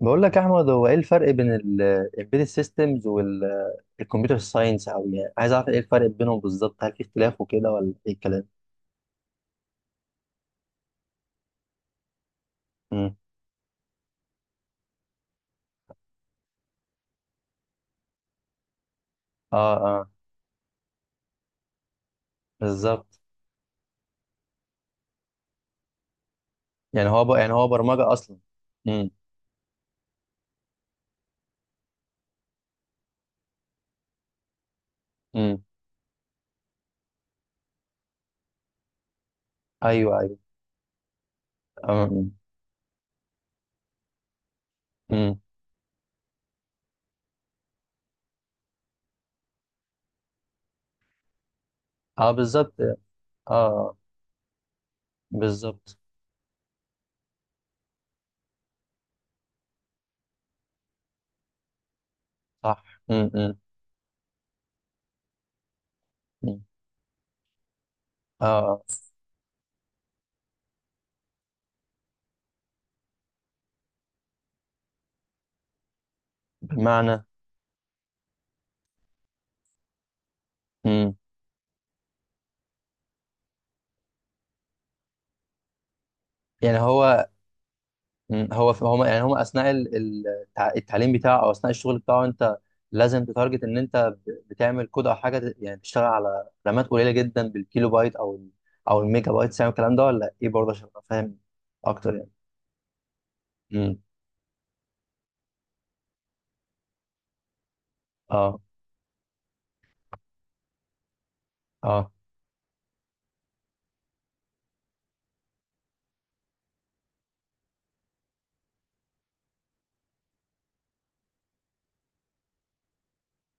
بقول لك يا احمد، هو ايه الفرق بين الامبيدد سيستمز والكمبيوتر ساينس؟ او يعني عايز اعرف ايه الفرق بينهم بالظبط؟ هل في اختلاف وكده ولا ايه الكلام؟ امم. اه، اه بالظبط. يعني هو برمجة اصلا. امم، امم. ايوه، ايوه. امم، امم. اه، بالظبط، اه. آه. بالظبط. صح. امم، امم. اه، آه. بمعنى. امم. يعني هو. مم. هو يعني هم اثناء التعليم بتاعه او اثناء الشغل بتاعه. انت لازم تتارجت ان انت بتعمل كود او حاجه، يعني تشتغل على رامات قليله جدا، بالكيلو بايت او او الميجا بايت، يعني الكلام ده ولا ايه برضه عشان ابقى فاهم اكتر يعني. امم. اه، اه.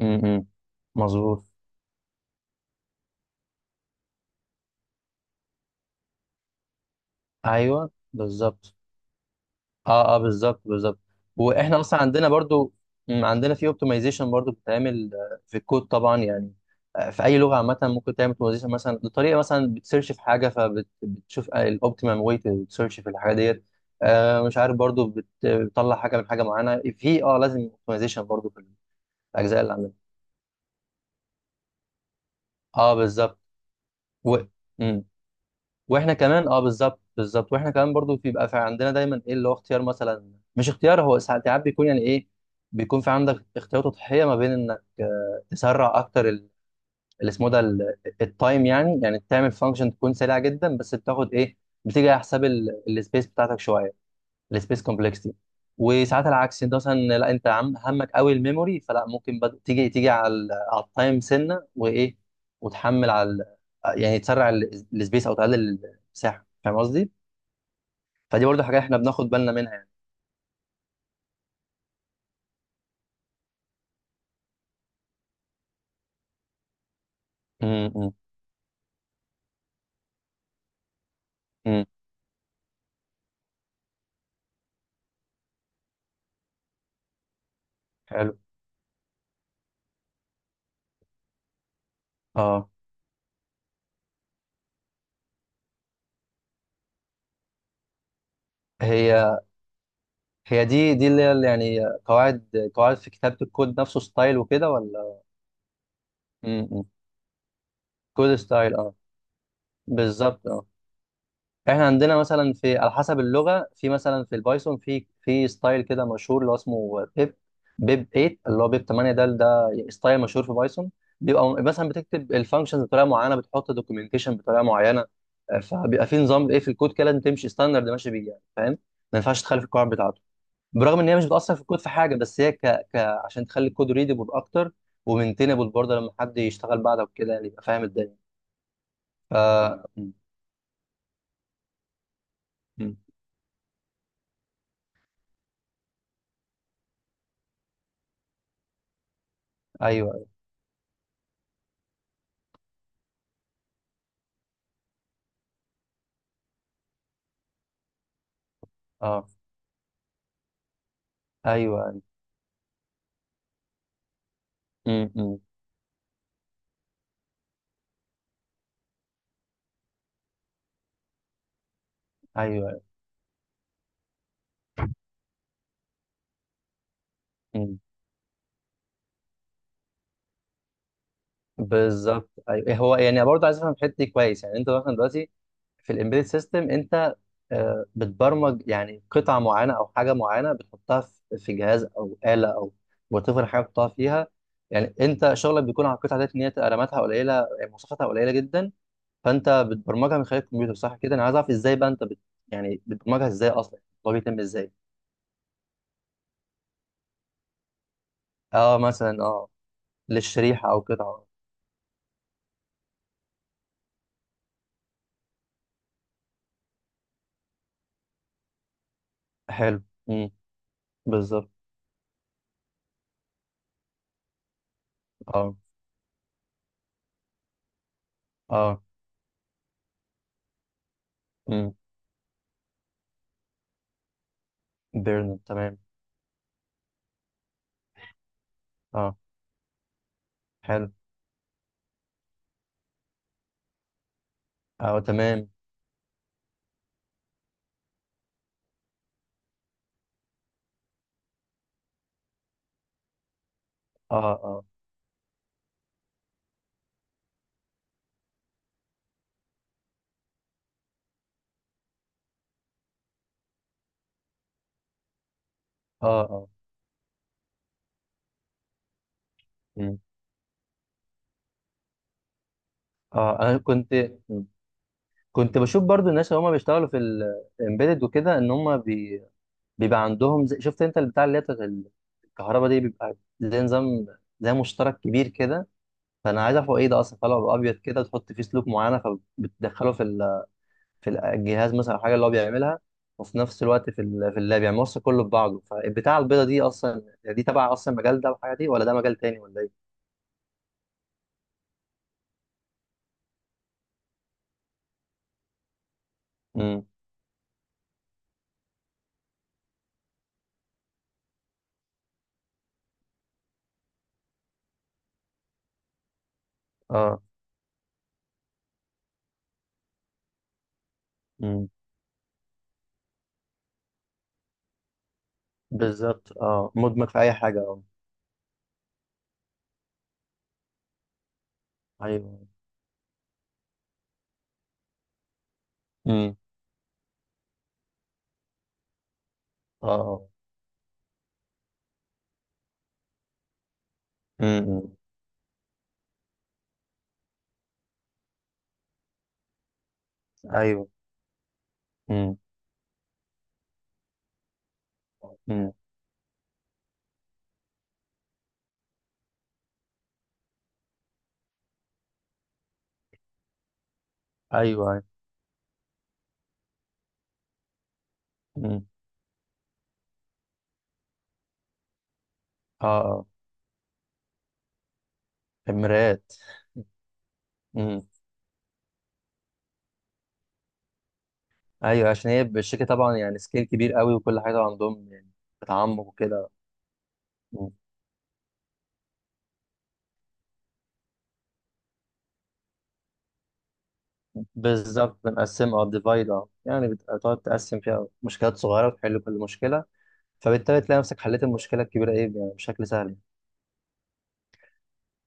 امم. مظبوط. ايوه بالظبط. اه، اه بالظبط، بالظبط. واحنا اصلا عندنا برضو. مم، عندنا في اوبتمايزيشن برضو بتتعمل آه، في الكود طبعا يعني. آه، في اي لغه عامه ممكن تعمل اوبتمايزيشن، مثلا بطريقه، مثلا بتسيرش في حاجه فبتشوف الاوبتيمم واي تسيرش في الحاجه ديت. آه، مش عارف برضو بتطلع حاجه من حاجه معينه، في اه لازم اوبتمايزيشن برضو في الاجزاء اللي عندنا. اه بالظبط. و... مم. واحنا كمان اه بالظبط، بالظبط واحنا كمان برضو بيبقى في عندنا دايما ايه اللي هو اختيار. مثلا مش اختيار، هو ساعات بيكون يعني ايه. بيكون في عندك اختيار تضحيه ما بين انك آه، تسرع اكتر ال- اللي اسمه ده ال- التايم، يعني يعني تعمل فانكشن تكون سريعه جدا، بس بتاخد ايه، بتيجي على حساب السبيس بتاعتك شويه، السبيس كومبلكسيتي. وساعات العكس، انت مثلا لا انت عم همك قوي الميموري، فلا ممكن تيجي على ال- على التايم سنه وايه، وتحمل على ال-، يعني تسرع ال- السبيس او تقلل المساحه. فاهم قصدي؟ فدي برضه حاجه احنا بناخد بالنا منها يعني. امم، امم. حلو، اه. هي، دي اللي هي اللي يعني قواعد في كتابه الكود نفسه، ستايل وكده ولا؟ امم. كود ستايل، اه. بالظبط اه. احنا عندنا مثلا في، على حسب اللغه، في مثلا في البايثون في ستايل كده مشهور اللي هو اسمه بيب. بيب 8 اللي هو بيب 8 ده، ده ستايل مشهور في بايثون. بيبقى مثلا بتكتب الفانكشنز بطريقه معينه، بتحط دوكيومنتيشن بطريقه معينه. آه، فبيبقى في نظام ايه في الكود كده، لازم تمشي ستاندرد ماشي بيه يعني. فاهم؟ ما ينفعش تخالف القواعد بتاعته، برغم ان هي مش بتاثر في الكود في حاجه، بس هي عشان تخلي الكود ريدبل اكتر ومينتينبل برضه، لما حد يشتغل بعدك وكده يعني يبقى فاهم الدنيا. ف... م-. م. ايوه، ايوه. اه، ايوه. امم. ايوه، ايوه. مم. بالظبط. ايوه إيه، هو يعني برضه عايز افهم الحته دي كويس. يعني انت مثلا دلوقتي في الامبيدد سيستم انت آه، بتبرمج يعني قطعه معينه او حاجه معينه، بتحطها في في جهاز او اله، او وتفر حاجه بتحطها فيها. يعني انت شغلك بيكون على القطعه ديت، ان هي رماتها قليله، يعني مواصفاتها قليله جدا. فانت بتبرمجها من خلال الكمبيوتر، صح كده؟ انا عايز اعرف ازاي بقى انت يعني بتبرمجها ازاي اصلا؟ هو بيتم ازاي؟ اه مثلا، اه للشريحه او قطعه. حلو. امم. بالظبط. اه، اه. امم. بيرن، تمام. اه. حلو. اه، تمام. اه، اه. اه، اه. امم. اه، انا كنت. مم. كنت بشوف برضو الناس اللي هم بيشتغلوا في الامبيدد وكده، ان هم بيبقى عندهم زي... شفت انت البتاع اللي هي بتاعت الكهرباء دي، بيبقى زي نظام، زي مشترك كبير كده. فانا عايز اعرف هو ايه ده اصلا، طلع ابيض كده وتحط فيه سلوك معينه، فبتدخله في في الجهاز مثلا او حاجه اللي هو بيعملها. وفي نفس الوقت في في اللاب، يعني موصل كله في بعضه. فالبتاع البيضه دي اصلا يعني دي تبع اصلا المجال ده والحاجه دي، ولا ده مجال تاني ولا ايه؟ امم. اه. امم. بالظبط، اه، مدمج في اي حاجه، اه. ايوه. امم. اه، اه. امم. ايوه. امم، امم. ايوه، ايوه. امم. اه، اه. المرايات. امم. ايوه عشان هي الشركه طبعا يعني سكيل كبير قوي، وكل حاجه عندهم يعني بتعمق وكده. بالظبط، بنقسمها او ديفايد اه، يعني بتقعد تقسم فيها مشكلات صغيرة وتحل كل مشكلة، فبالتالي تلاقي نفسك حليت المشكلة الكبيرة ايه يعني بشكل سهل.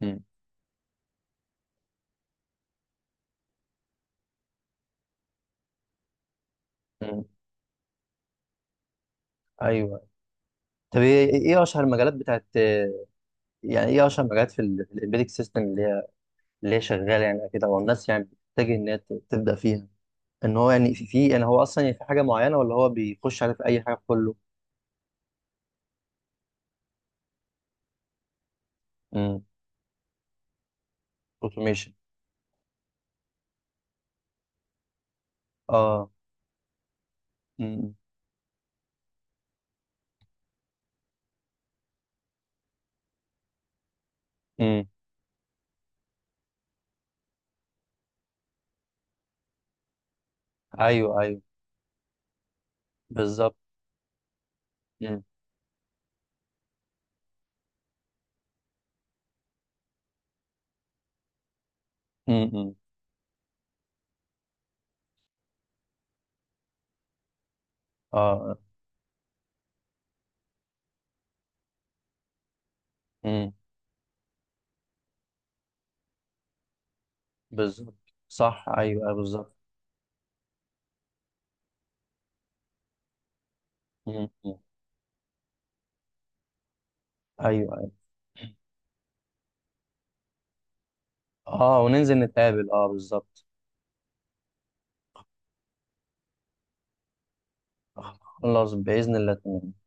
مم. مم. ايوه. طب ايه إيه اشهر المجالات بتاعت؟ يعني ايه اشهر المجالات في الامبيدك سيستم اللي هي اللي هي شغالة يعني كده والناس يعني بتتجه ان هي تبدأ فيها؟ ان هو يعني في يعني هو اصلا يعني في حاجة معينة، ولا هو بيخش على في اي حاجة في كله؟ اوتوميشن. اه. مم. مم. ايوه، ايوه بالظبط. مم. مم. مم. اه بالظبط، صح، ايوه، أيوه، بالظبط. مم. ايوه، ايوه. اه وننزل نتقابل، اه بالظبط. خلاص، بإذن الله، تمام.